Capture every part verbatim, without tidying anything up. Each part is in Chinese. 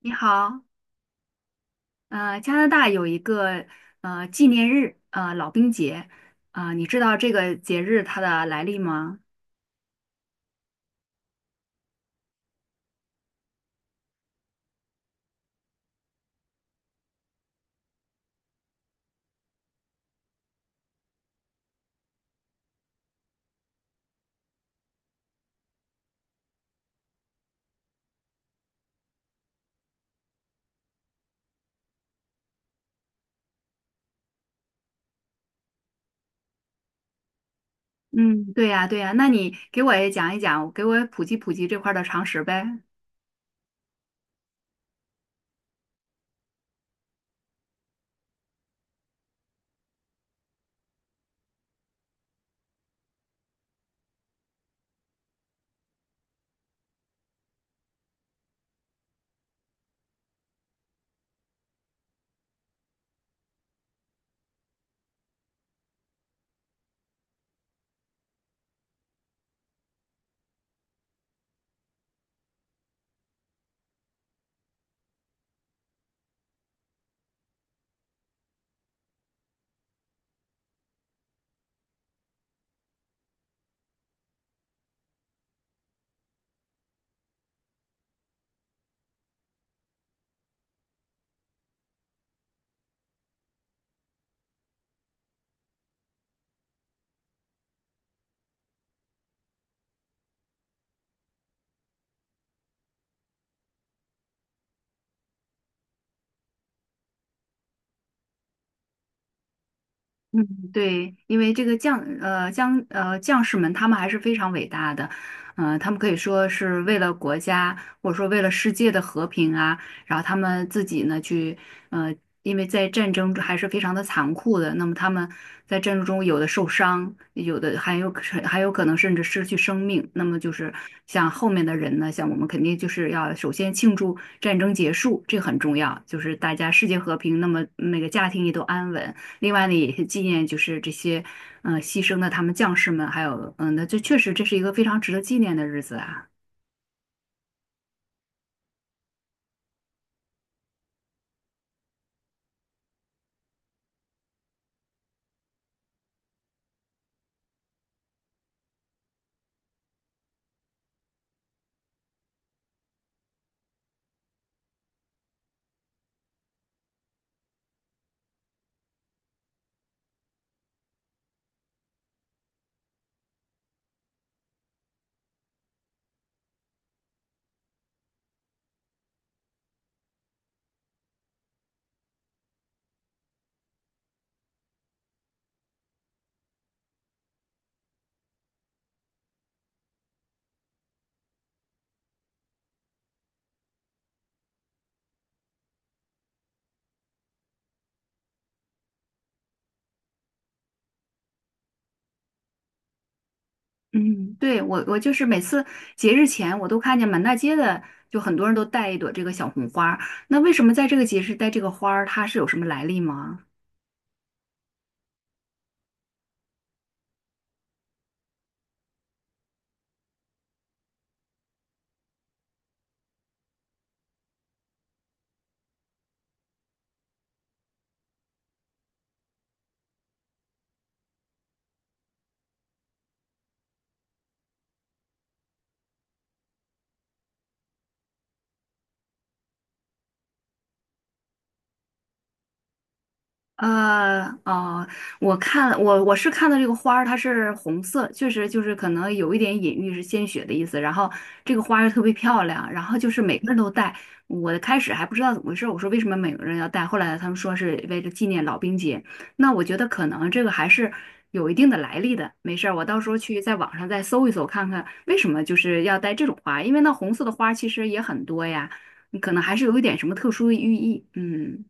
你好。呃，加拿大有一个呃纪念日，呃，老兵节，啊、你知道这个节日它的来历吗？嗯，对呀，对呀，那你给我也讲一讲，给我也普及普及这块儿的常识呗。嗯，对，因为这个将呃将呃将士们，他们还是非常伟大的，呃，他们可以说是为了国家或者说为了世界的和平啊，然后他们自己呢去呃，因为在战争中还是非常的残酷的，那么他们在战争中有的受伤，有的还有还有可能甚至失去生命，那么就是像后面的人呢，像我们肯定就是要首先庆祝战争结束，这个很重要，就是大家世界和平，那么那个家庭也都安稳。另外呢，也是纪念就是这些嗯、呃牺牲的他们将士们，还有嗯，那这确实这是一个非常值得纪念的日子啊。嗯，对，我我就是每次节日前，我都看见满大街的，就很多人都带一朵这个小红花儿。那为什么在这个节日带这个花儿，它是有什么来历吗？呃，哦，我看我我是看到这个花儿，它是红色，确实就是可能有一点隐喻是鲜血的意思。然后这个花儿特别漂亮，然后就是每个人都戴。我开始还不知道怎么回事，我说为什么每个人要戴？后来他们说是为了纪念老兵节。那我觉得可能这个还是有一定的来历的。没事儿我到时候去在网上再搜一搜，看看为什么就是要戴这种花，因为那红色的花其实也很多呀，嗯可能还是有一点什么特殊的寓意。嗯。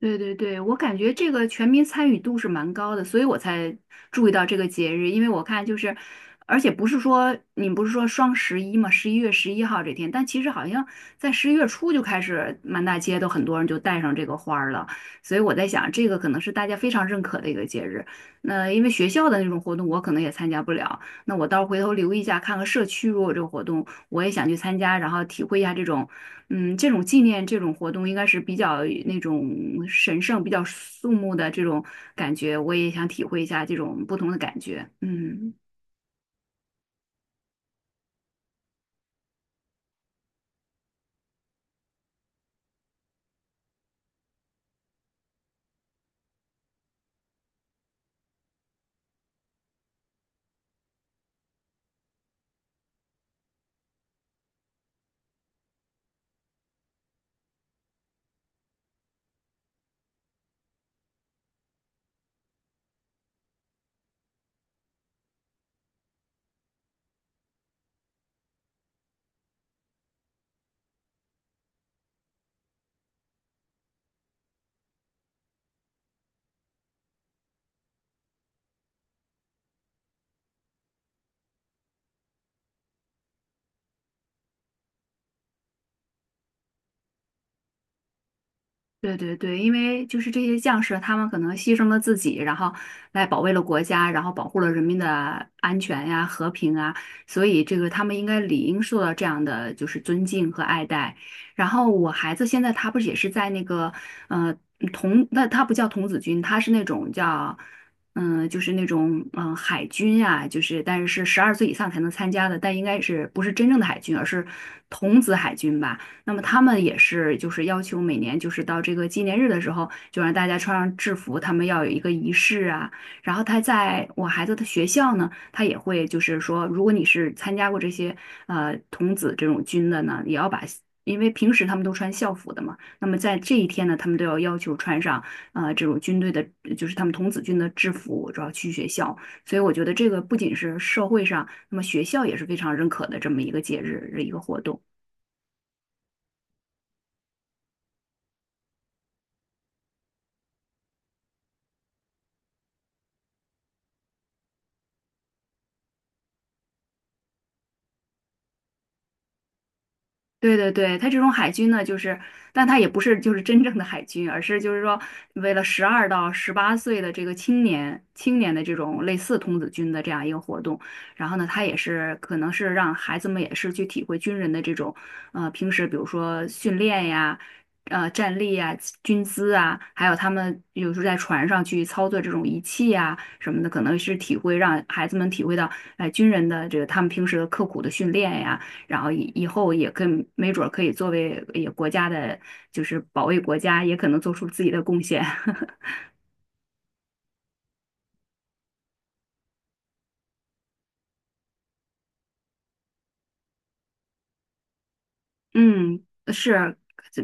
对对对，我感觉这个全民参与度是蛮高的，所以我才注意到这个节日。因为我看就是，而且不是说你不是说双十一嘛，十一月十一号这天，但其实好像在十一月初就开始，满大街都很多人就带上这个花儿了。所以我在想，这个可能是大家非常认可的一个节日。那因为学校的那种活动，我可能也参加不了。那我到时候回头留意一下，看看社区如果有这个活动，我也想去参加，然后体会一下这种嗯，这种纪念这种活动应该是比较那种神圣、比较肃穆的这种感觉，我也想体会一下这种不同的感觉。嗯。对对对，因为就是这些将士，他们可能牺牲了自己，然后来保卫了国家，然后保护了人民的安全呀、和平啊，所以这个他们应该理应受到这样的就是尊敬和爱戴。然后我孩子现在他不是也是在那个呃童，那他不叫童子军，他是那种叫嗯、呃就是那种嗯、呃海军啊，就是但是是十二岁以上才能参加的，但应该是不是真正的海军，而是童子海军吧。那么他们也是就是要求每年就是到这个纪念日的时候，就让大家穿上制服，他们要有一个仪式啊。然后他在我孩子的学校呢，他也会就是说，如果你是参加过这些呃童子这种军的呢，也要把。因为平时他们都穿校服的嘛，那么在这一天呢，他们都要要求穿上呃这种军队的，就是他们童子军的制服，主要去学校。所以我觉得这个不仅是社会上，那么学校也是非常认可的这么一个节日，的一个活动。对对对，他这种海军呢，就是，但他也不是就是真正的海军，而是就是说，为了十二到十八岁的这个青年青年的这种类似童子军的这样一个活动，然后呢，他也是可能是让孩子们也是去体会军人的这种，呃，平时比如说训练呀，呃，站立呀，军姿啊，还有他们有时候在船上去操作这种仪器呀什么的，可能是体会让孩子们体会到，哎、军人的这个他们平时的刻苦的训练呀。然后以以后也更没准儿可以作为也国家的，就是保卫国家，也可能做出自己的贡献。嗯，是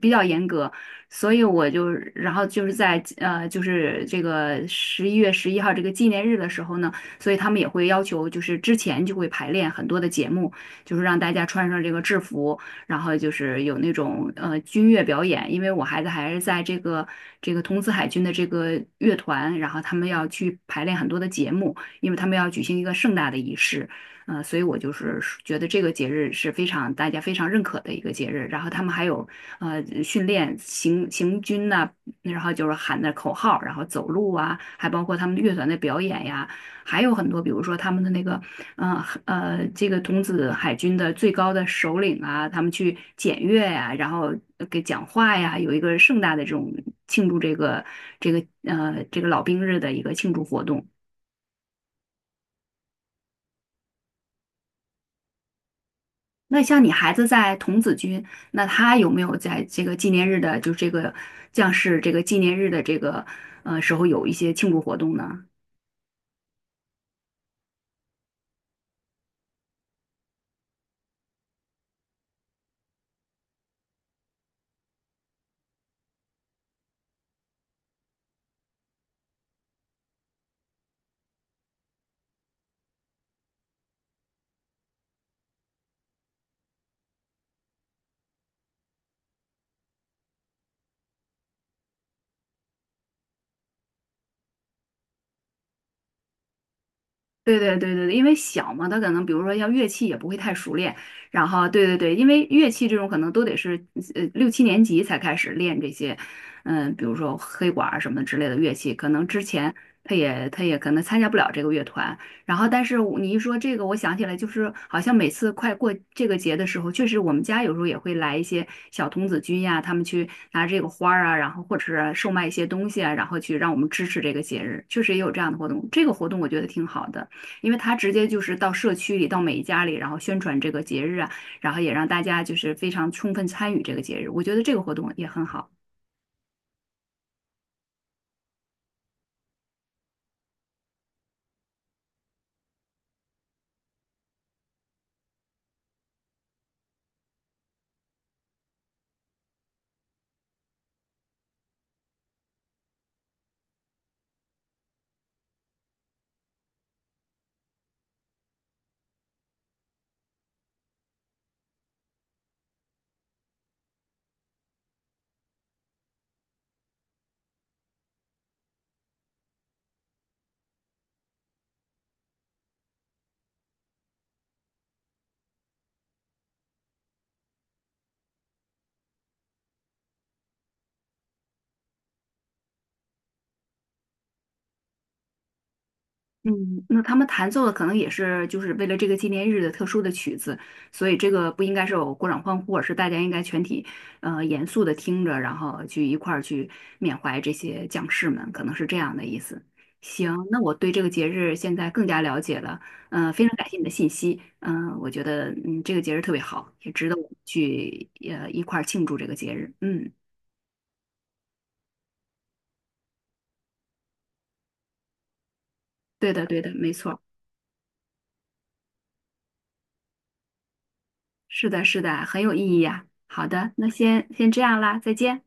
比较严格，所以我就，然后就是在呃，就是这个十一月十一号这个纪念日的时候呢，所以他们也会要求，就是之前就会排练很多的节目，就是让大家穿上这个制服，然后就是有那种呃军乐表演，因为我孩子还是在这个这个童子海军的这个乐团，然后他们要去排练很多的节目，因为他们要举行一个盛大的仪式。嗯、所以我就是觉得这个节日是非常大家非常认可的一个节日。然后他们还有呃训练行行军呐、然后就是喊的口号，然后走路啊，还包括他们乐团的表演呀，还有很多，比如说他们的那个呃呃这个童子海军的最高的首领啊，他们去检阅呀、然后呃给讲话呀，有一个盛大的这种庆祝这个这个呃这个老兵日的一个庆祝活动。那像你孩子在童子军，那他有没有在这个纪念日的，就这个将士这个纪念日的这个呃时候有一些庆祝活动呢？对对对对对，因为小嘛，他可能比如说像乐器也不会太熟练，然后对对对，因为乐器这种可能都得是呃六七年级才开始练这些，嗯，比如说黑管儿什么之类的乐器，可能之前他也他也可能参加不了这个乐团，然后但是我你一说这个，我想起来就是好像每次快过这个节的时候，确实我们家有时候也会来一些小童子军呀，他们去拿这个花儿啊，然后或者是售卖一些东西啊，然后去让我们支持这个节日，确实也有这样的活动，这个活动我觉得挺好的。因为他直接就是到社区里，到每一家里，然后宣传这个节日啊，然后也让大家就是非常充分参与这个节日，我觉得这个活动也很好。嗯，那他们弹奏的可能也是就是为了这个纪念日的特殊的曲子，所以这个不应该是有鼓掌欢呼，而是大家应该全体呃严肃的听着，然后去一块儿去缅怀这些将士们，可能是这样的意思。行，那我对这个节日现在更加了解了，嗯，非常感谢你的信息，嗯、我觉得嗯这个节日特别好，也值得我们去呃一块儿庆祝这个节日。嗯，对的对的，没错，是的是的，很有意义呀、好的，那先先这样啦，再见。